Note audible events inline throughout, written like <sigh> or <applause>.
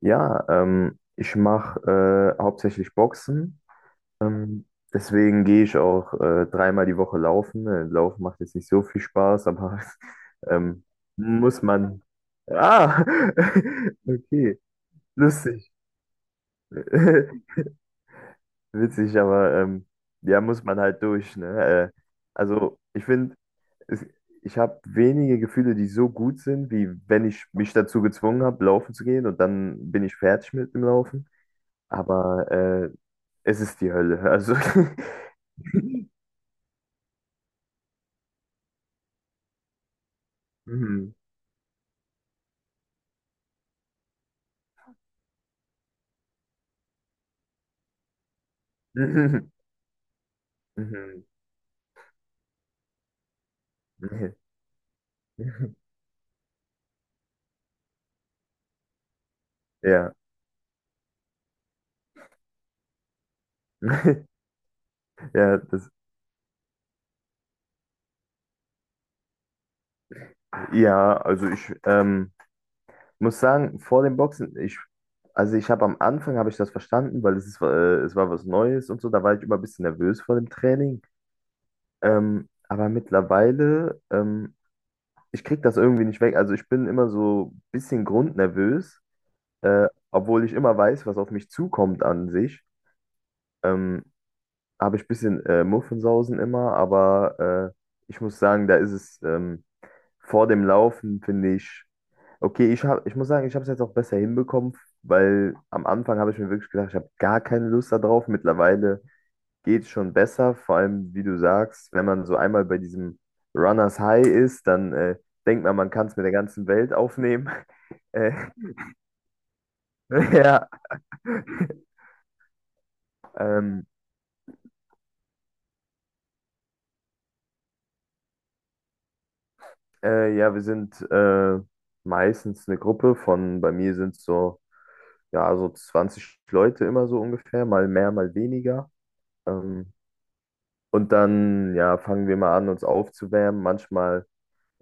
Ja, ich mache hauptsächlich Boxen. Ähm, deswegen gehe ich auch dreimal die Woche laufen. Laufen macht jetzt nicht so viel Spaß, aber <laughs> ähm, muss man. Ah, <laughs> okay, lustig. <laughs> Witzig, aber ja, muss man halt durch. Ne? Also, ich finde, es- ich habe wenige Gefühle, die so gut sind, wie wenn ich mich dazu gezwungen habe, laufen zu gehen und dann bin ich fertig mit dem Laufen. Aber es ist die Hölle. Also. <laughs> Mhm. Mhm. Mhm. Mhm. Ja. <laughs> Ja, ja, also ich muss sagen, vor dem Boxen, also ich habe am Anfang habe ich das verstanden, weil es war was Neues und so, da war ich immer ein bisschen nervös vor dem Training. Aber mittlerweile, ich kriege das irgendwie nicht weg. Also ich bin immer so ein bisschen grundnervös, obwohl ich immer weiß, was auf mich zukommt an sich. Ähm, habe ich ein bisschen Muffensausen immer, aber ich muss sagen, da ist es vor dem Laufen, finde ich, okay, ich muss sagen, ich habe es jetzt auch besser hinbekommen, weil am Anfang habe ich mir wirklich gedacht, ich habe gar keine Lust da drauf. Mittlerweile geht es schon besser, vor allem, wie du sagst, wenn man so einmal bei diesem Runners High ist, dann denkt man, man kann es mit der ganzen Welt aufnehmen. <laughs> Äh, <laughs> ja. Ähm, ja, wir sind meistens eine Gruppe von, bei mir sind es so ja, so 20 Leute immer so ungefähr, mal mehr, mal weniger. Ähm, und dann, ja, fangen wir mal an, uns aufzuwärmen. Manchmal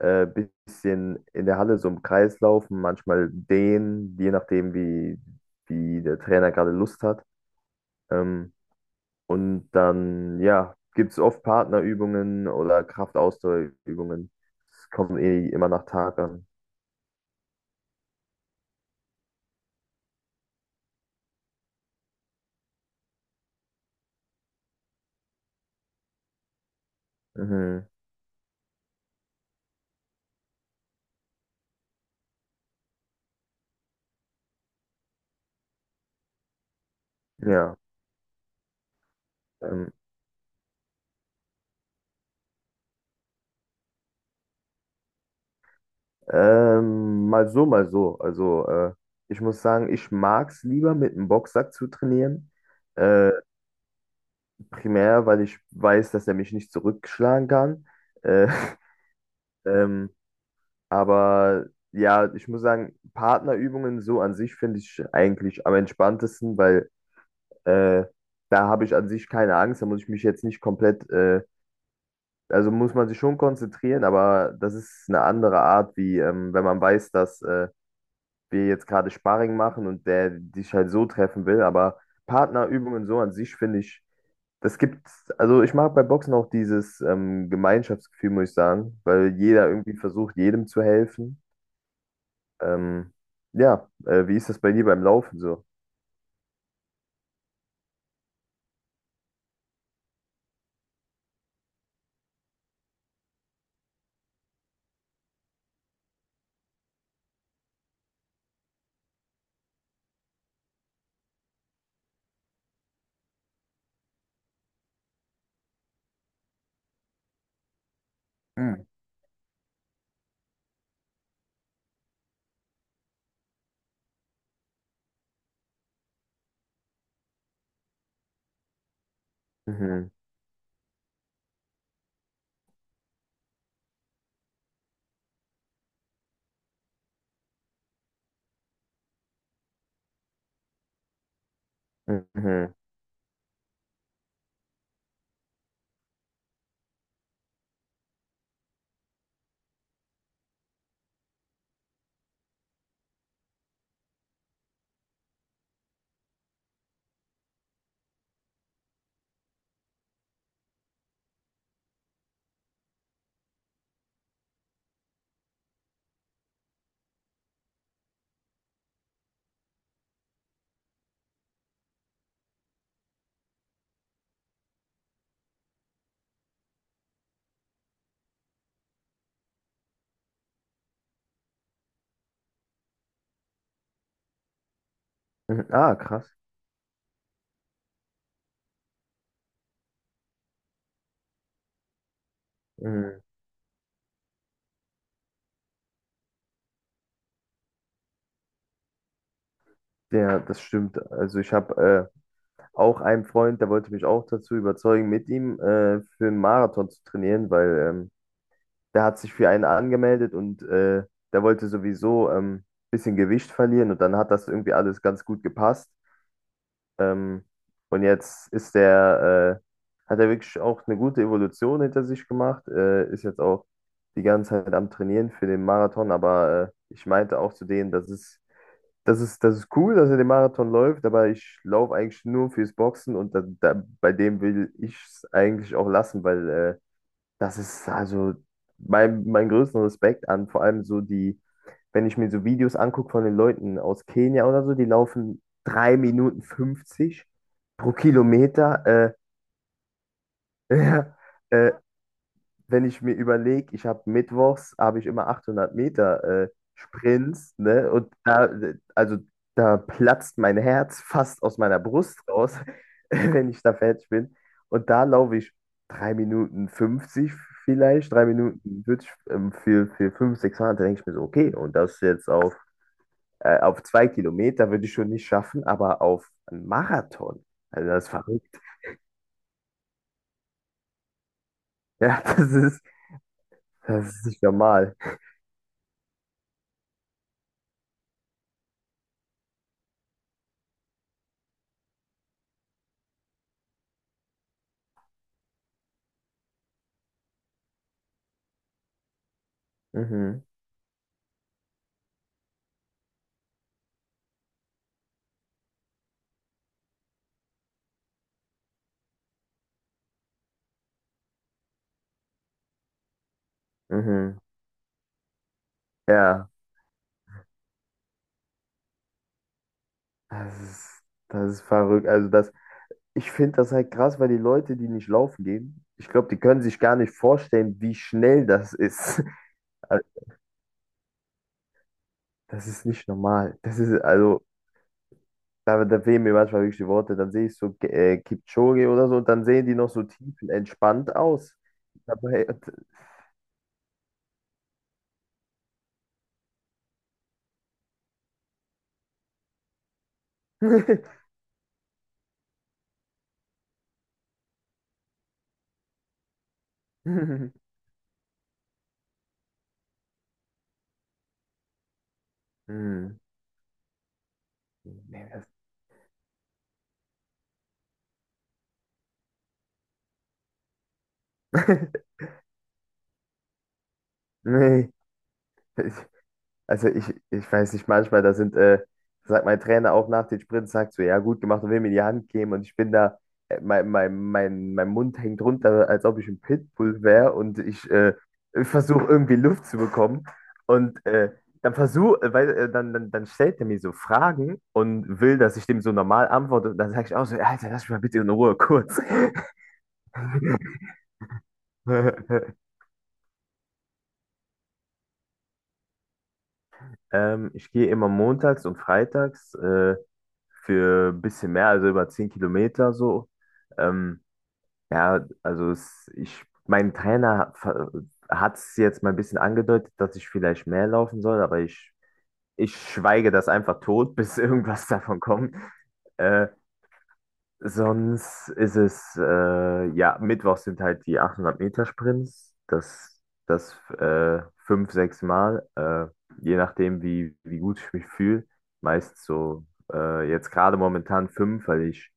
bisschen in der Halle so im Kreis laufen, manchmal dehnen je nachdem, wie der Trainer gerade Lust hat. Ähm, und dann, ja, gibt es oft Partnerübungen oder Kraftausdauerübungen. Es kommt eh immer nach Tag an. Mhm. Ja. ähm. Mal so, mal so. Also, ich muss sagen, ich mag es lieber, mit einem Boxsack zu trainieren. Äh, primär, weil ich weiß, dass er mich nicht zurückschlagen kann. Äh, <laughs> ähm, aber ja, ich muss sagen, Partnerübungen so an sich finde ich eigentlich am entspanntesten, weil äh, da habe ich an sich keine Angst. Da muss ich mich jetzt nicht komplett, also muss man sich schon konzentrieren, aber das ist eine andere Art, wie wenn man weiß, dass. Wir jetzt gerade Sparring machen und der dich halt so treffen will. Aber Partnerübungen so an sich finde ich, das gibt, also ich mag bei Boxen auch dieses Gemeinschaftsgefühl, muss ich sagen, weil jeder irgendwie versucht, jedem zu helfen. Ähm, ja, wie ist das bei dir beim Laufen so? Hm. Mhm. Mhm. Mhm. Ah, krass. Mhm. Ja, das stimmt. Also ich habe auch einen Freund, der wollte mich auch dazu überzeugen, mit ihm für einen Marathon zu trainieren, weil der hat sich für einen angemeldet und der wollte sowieso ein bisschen Gewicht verlieren und dann hat das irgendwie alles ganz gut gepasst. Ähm, und jetzt hat er wirklich auch eine gute Evolution hinter sich gemacht, ist jetzt auch die ganze Zeit am Trainieren für den Marathon, aber ich meinte auch zu denen, das ist cool, dass er den Marathon läuft, aber ich laufe eigentlich nur fürs Boxen und bei dem will ich es eigentlich auch lassen, weil das ist also mein größten Respekt an, vor allem so die, wenn ich mir so Videos angucke von den Leuten aus Kenia oder so, die laufen 3 Minuten 50 pro Kilometer. Äh, <laughs> äh, wenn ich mir überlege, ich habe mittwochs, habe ich immer 800 Meter Sprints, ne? Und da, also da platzt mein Herz fast aus meiner Brust raus, <laughs> wenn ich da fertig bin. Und da laufe ich 3 Minuten 50 vielleicht, 3 Minuten 40, für 500, 600, da denke ich mir so, okay, und das jetzt auf 2 Kilometer würde ich schon nicht schaffen, aber auf einen Marathon, also das ist verrückt. Ja, <laughs> das ist nicht normal. Mhm, mhm. Ja. Das ist, Das ist verrückt. Also ich finde das halt krass, weil die Leute, die nicht laufen gehen, ich glaube, die können sich gar nicht vorstellen, wie schnell das ist. <laughs> Also, das ist nicht normal. Da fehlen mir manchmal wirklich die Worte. Dann sehe ich so Kipchoge oder so und dann sehen die noch so tiefenentspannt aus. Dabei. <laughs> Hm. Nee, <laughs> nee. Also ich weiß nicht, manchmal, sagt mein Trainer auch nach den Sprints, sagt so, ja, gut gemacht und will mir die Hand geben und ich bin da, mein Mund hängt runter, als ob ich ein Pitbull wäre und ich versuche irgendwie Luft zu bekommen und dann stellt er mir so Fragen und will, dass ich dem so normal antworte und dann sage ich auch so, Alter, lass mich mal bitte in Ruhe, kurz. <laughs> Ich gehe immer montags und freitags. Für ein bisschen mehr, also über 10 Kilometer so. Ähm, ja, also mein Trainer hat es jetzt mal ein bisschen angedeutet, dass ich vielleicht mehr laufen soll, aber ich schweige das einfach tot, bis <laughs> irgendwas davon kommt. Äh, Sonst ist es, ja, mittwochs sind halt die 800 Meter Sprints das fünf, sechs Mal, je nachdem, wie gut ich mich fühle. Meist so, jetzt gerade momentan fünf, weil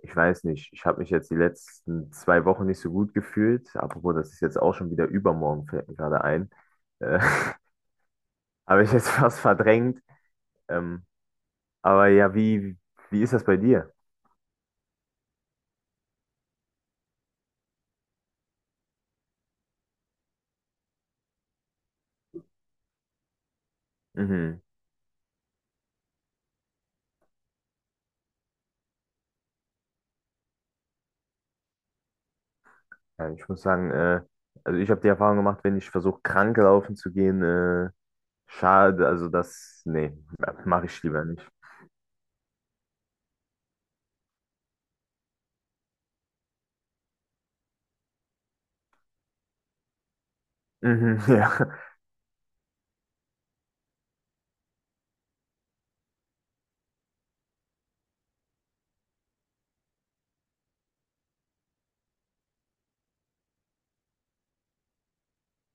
ich weiß nicht, ich habe mich jetzt die letzten 2 Wochen nicht so gut gefühlt. Apropos, das ist jetzt auch schon wieder übermorgen, fällt mir gerade ein. Äh, <laughs> Habe ich jetzt fast verdrängt. Ähm, aber ja, wie ist das bei dir? Mhm. Ja, ich muss sagen, also ich habe die Erfahrung gemacht, wenn ich versuche, krank laufen zu gehen, schade, nee, mache ich lieber nicht. Mhm, <laughs> ja.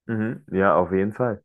Mhm, ja, auf jeden Fall.